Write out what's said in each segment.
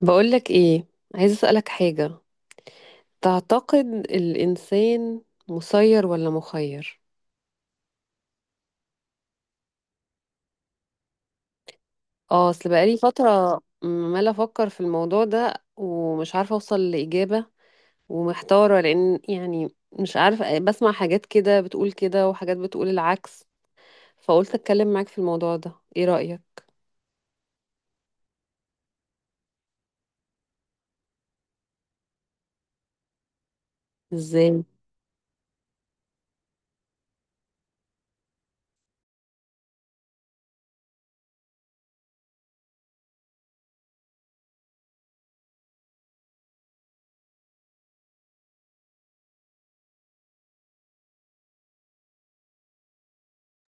بقولك ايه، عايز اسألك حاجة. تعتقد الإنسان مسير ولا مخير؟ اه، اصل بقالي فترة عمالة أفكر في الموضوع ده ومش عارفة أوصل لإجابة. ومحتارة لأن يعني مش عارفة، بسمع حاجات كده بتقول كده وحاجات بتقول العكس. فقلت أتكلم معاك في الموضوع ده. ايه رأيك؟ ازاي؟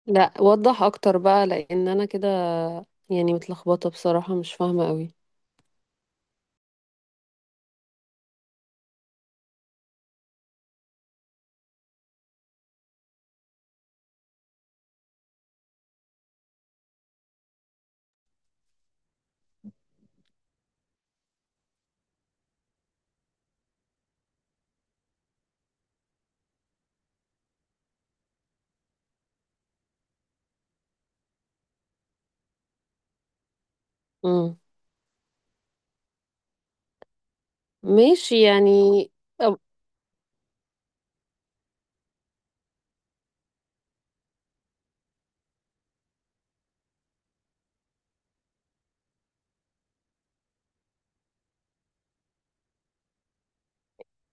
لا، وضح أكتر بقى لأن أنا كده يعني متلخبطة بصراحة، مش فاهمة قوي. امم، ماشي يعني.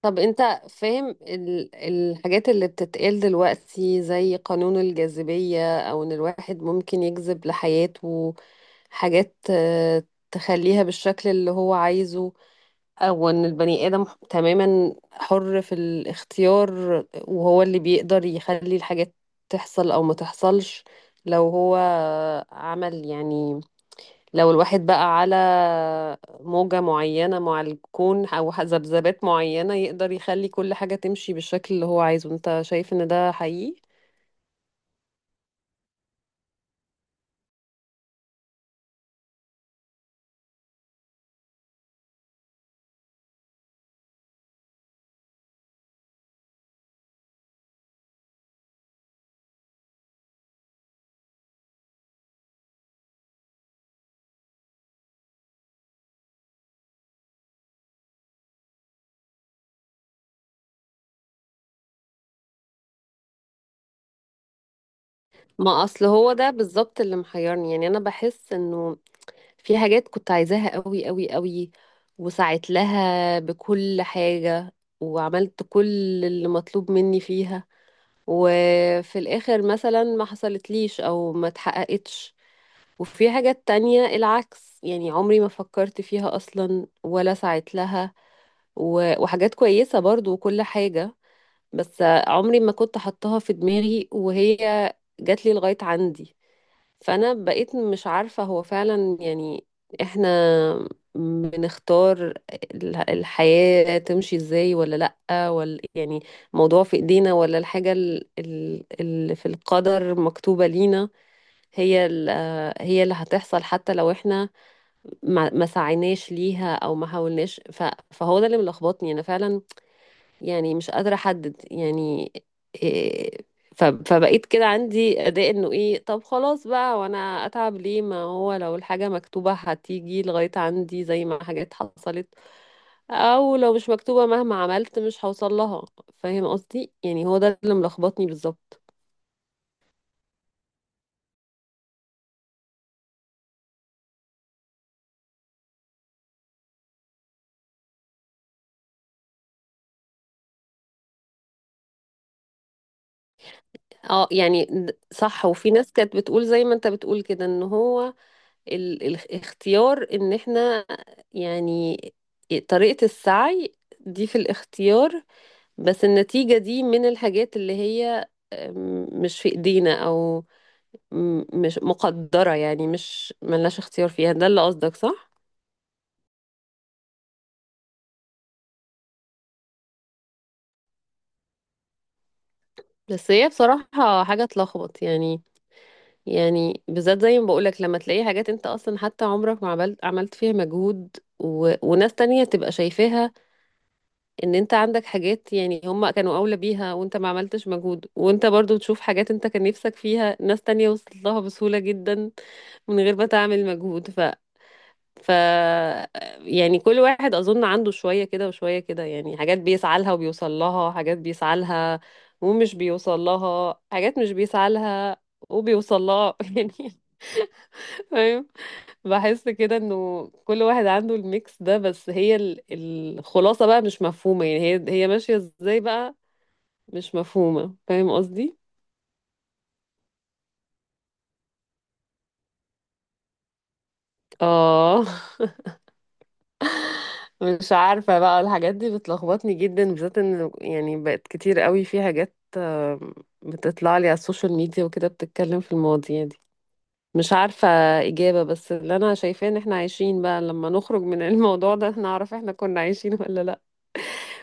طب انت فاهم الحاجات اللي بتتقال دلوقتي زي قانون الجاذبية او ان الواحد ممكن يجذب لحياته حاجات تخليها بالشكل اللي هو عايزه. او ان البني ادم تماما حر في الاختيار، وهو اللي بيقدر يخلي الحاجات تحصل او ما تحصلش لو هو عمل يعني لو الواحد بقى على موجة معينة مع الكون أو ذبذبات معينة يقدر يخلي كل حاجة تمشي بالشكل اللي هو عايزه. أنت شايف إن ده حقيقي؟ ما أصل هو ده بالظبط اللي محيرني، يعني أنا بحس إنه في حاجات كنت عايزاها قوي قوي قوي، وسعيت لها بكل حاجة وعملت كل اللي مطلوب مني فيها، وفي الآخر مثلا ما حصلتليش أو ما اتحققتش. وفي حاجات تانية العكس، يعني عمري ما فكرت فيها أصلا ولا سعيت لها وحاجات كويسة برضو وكل حاجة، بس عمري ما كنت حطها في دماغي وهي جات لي لغاية عندي. فانا بقيت مش عارفة هو فعلا يعني احنا بنختار الحياة تمشي ازاي ولا لأ، ولا يعني الموضوع في ايدينا، ولا الحاجة اللي في القدر مكتوبة لينا هي ال- هي اللي هتحصل حتى لو احنا ما سعيناش ليها او ما حاولناش، فهو ده اللي ملخبطني انا فعلا، يعني مش قادرة أحدد يعني إيه. فبقيت كده عندي أداء إنه إيه طب خلاص بقى، وأنا أتعب ليه؟ ما هو لو الحاجة مكتوبة هتيجي لغاية عندي زي ما حاجات حصلت، أو لو مش مكتوبة مهما عملت مش هوصل لها. فاهم قصدي؟ يعني هو ده اللي ملخبطني بالظبط. اه، يعني صح، وفي ناس كانت بتقول زي ما انت بتقول كده ان هو الاختيار ان احنا يعني طريقة السعي دي في الاختيار، بس النتيجة دي من الحاجات اللي هي، مش في ايدينا او مش مقدرة، يعني مش ملناش اختيار فيها، ده اللي قصدك صح؟ بس هي بصراحة حاجة تلخبط يعني بالذات زي ما بقولك لما تلاقي حاجات انت اصلا حتى عمرك ما عملت فيها مجهود، وناس تانية تبقى شايفاها ان انت عندك حاجات يعني هم كانوا اولى بيها وانت ما عملتش مجهود، وانت برضو تشوف حاجات انت كان نفسك فيها ناس تانية وصلت لها بسهولة جدا من غير ما تعمل مجهود. ف يعني كل واحد اظن عنده شوية كده وشوية كده، يعني حاجات بيسعى لها وبيوصل لها، حاجات بيسعى لها ومش بيوصل لها، حاجات مش بيسعى لها وبيوصل لها يعني فاهم. بحس كده انه كل واحد عنده الميكس ده، بس هي الخلاصة بقى مش مفهومة، يعني هي ماشية ازاي بقى مش مفهومة. فاهم قصدي؟ اه. مش عارفة بقى، الحاجات دي بتلخبطني جدا بالذات ان يعني بقت كتير قوي في حاجات بتطلع لي على السوشيال ميديا وكده بتتكلم في المواضيع دي، مش عارفة إجابة. بس اللي أنا شايفاه إن إحنا عايشين بقى، لما نخرج من الموضوع ده نعرف إحنا كنا عايشين ولا لأ.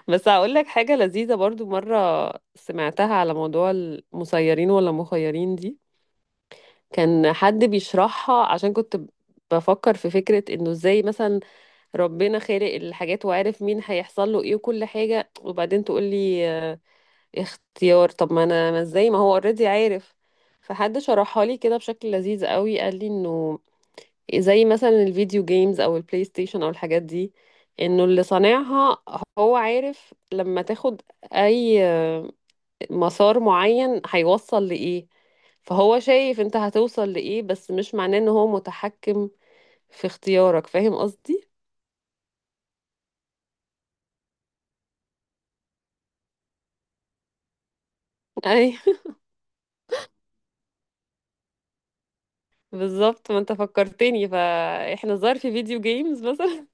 بس هقول لك حاجة لذيذة برضو، مرة سمعتها على موضوع المسيرين ولا مخيرين دي، كان حد بيشرحها عشان كنت بفكر في فكرة إنه إزاي مثلا ربنا خالق الحاجات وعارف مين هيحصل له ايه وكل حاجة، وبعدين تقول لي اختيار. طب ما انا ما ازاي ما هو اوريدي عارف. فحد شرحها لي كده بشكل لذيذ قوي، قال لي انه زي مثلا الفيديو جيمز او البلاي ستيشن او الحاجات دي، انه اللي صانعها هو عارف لما تاخد اي مسار معين هيوصل لايه، فهو شايف انت هتوصل لايه بس مش معناه ان هو متحكم في اختيارك. فاهم قصدي؟ بالظبط، ما انت فكرتني، فاحنا الظاهر في فيديو جيمز مثلا.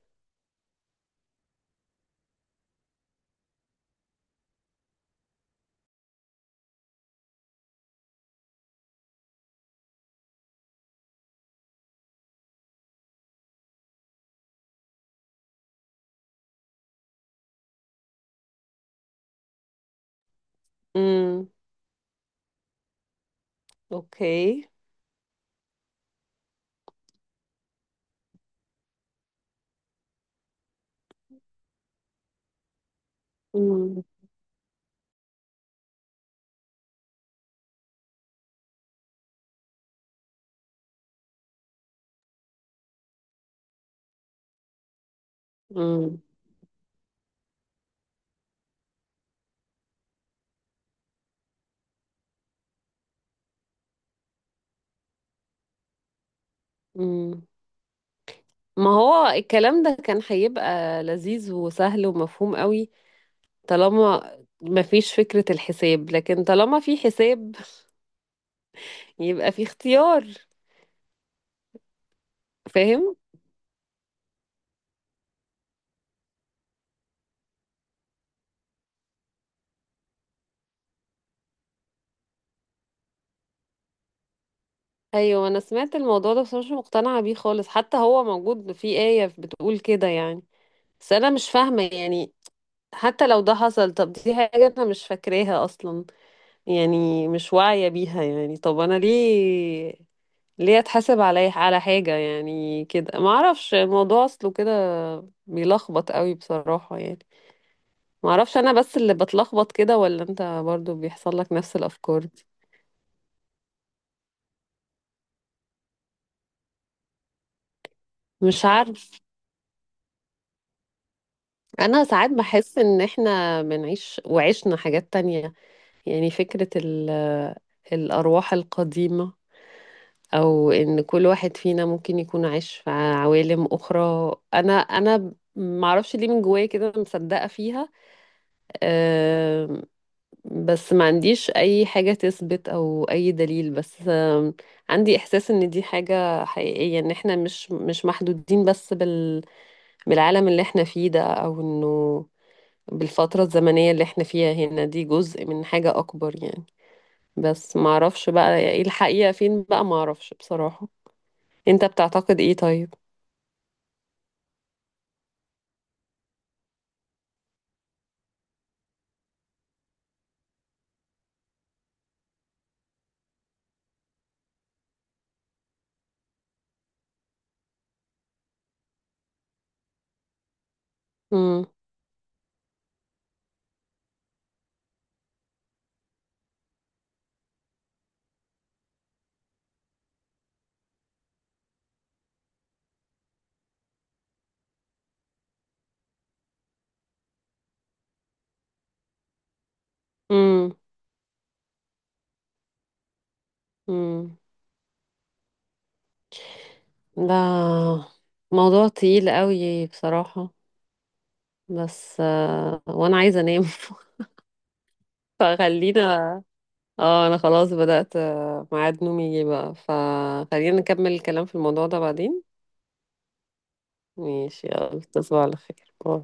امم، اوكي. امم، امم، امم. ما هو الكلام ده كان هيبقى لذيذ وسهل ومفهوم قوي طالما ما فيش فكرة الحساب، لكن طالما في حساب يبقى في اختيار. فاهم؟ ايوه، انا سمعت الموضوع ده بس أنا مش مقتنعة بيه خالص، حتى هو موجود في آية بتقول كده يعني، بس انا مش فاهمة يعني. حتى لو ده حصل طب دي حاجة انا مش فاكراها اصلا، يعني مش واعية بيها، يعني طب أنا ليه أتحاسب على حاجة يعني كده؟ ما أعرفش الموضوع أصله كده بيلخبط قوي بصراحة يعني. ما أعرفش أنا بس اللي بتلخبط كده ولا أنت برضو بيحصل لك نفس الأفكار دي؟ مش عارف. أنا ساعات بحس إن إحنا بنعيش وعشنا حاجات تانية، يعني فكرة الأرواح القديمة، او ان كل واحد فينا ممكن يكون عايش في عوالم اخرى. انا معرفش ليه من جوايا كده مصدقة فيها. أم، بس ما عنديش اي حاجة تثبت او اي دليل، بس عندي احساس ان دي حاجة حقيقية، ان احنا مش محدودين بس بالعالم اللي احنا فيه ده، او انه بالفترة الزمنية اللي احنا فيها هنا، دي جزء من حاجة اكبر يعني. بس معرفش بقى ايه الحقيقة، فين بقى معرفش بصراحة. انت بتعتقد ايه طيب؟ امم، امم، امم. ده موضوع تقيل قوي بصراحة، بس وانا عايزة انام. فخلينا، اه انا خلاص بدأت ميعاد نومي يجي بقى، فخلينا نكمل الكلام في الموضوع ده بعدين. ماشي، يلا تصبح على خير. باي.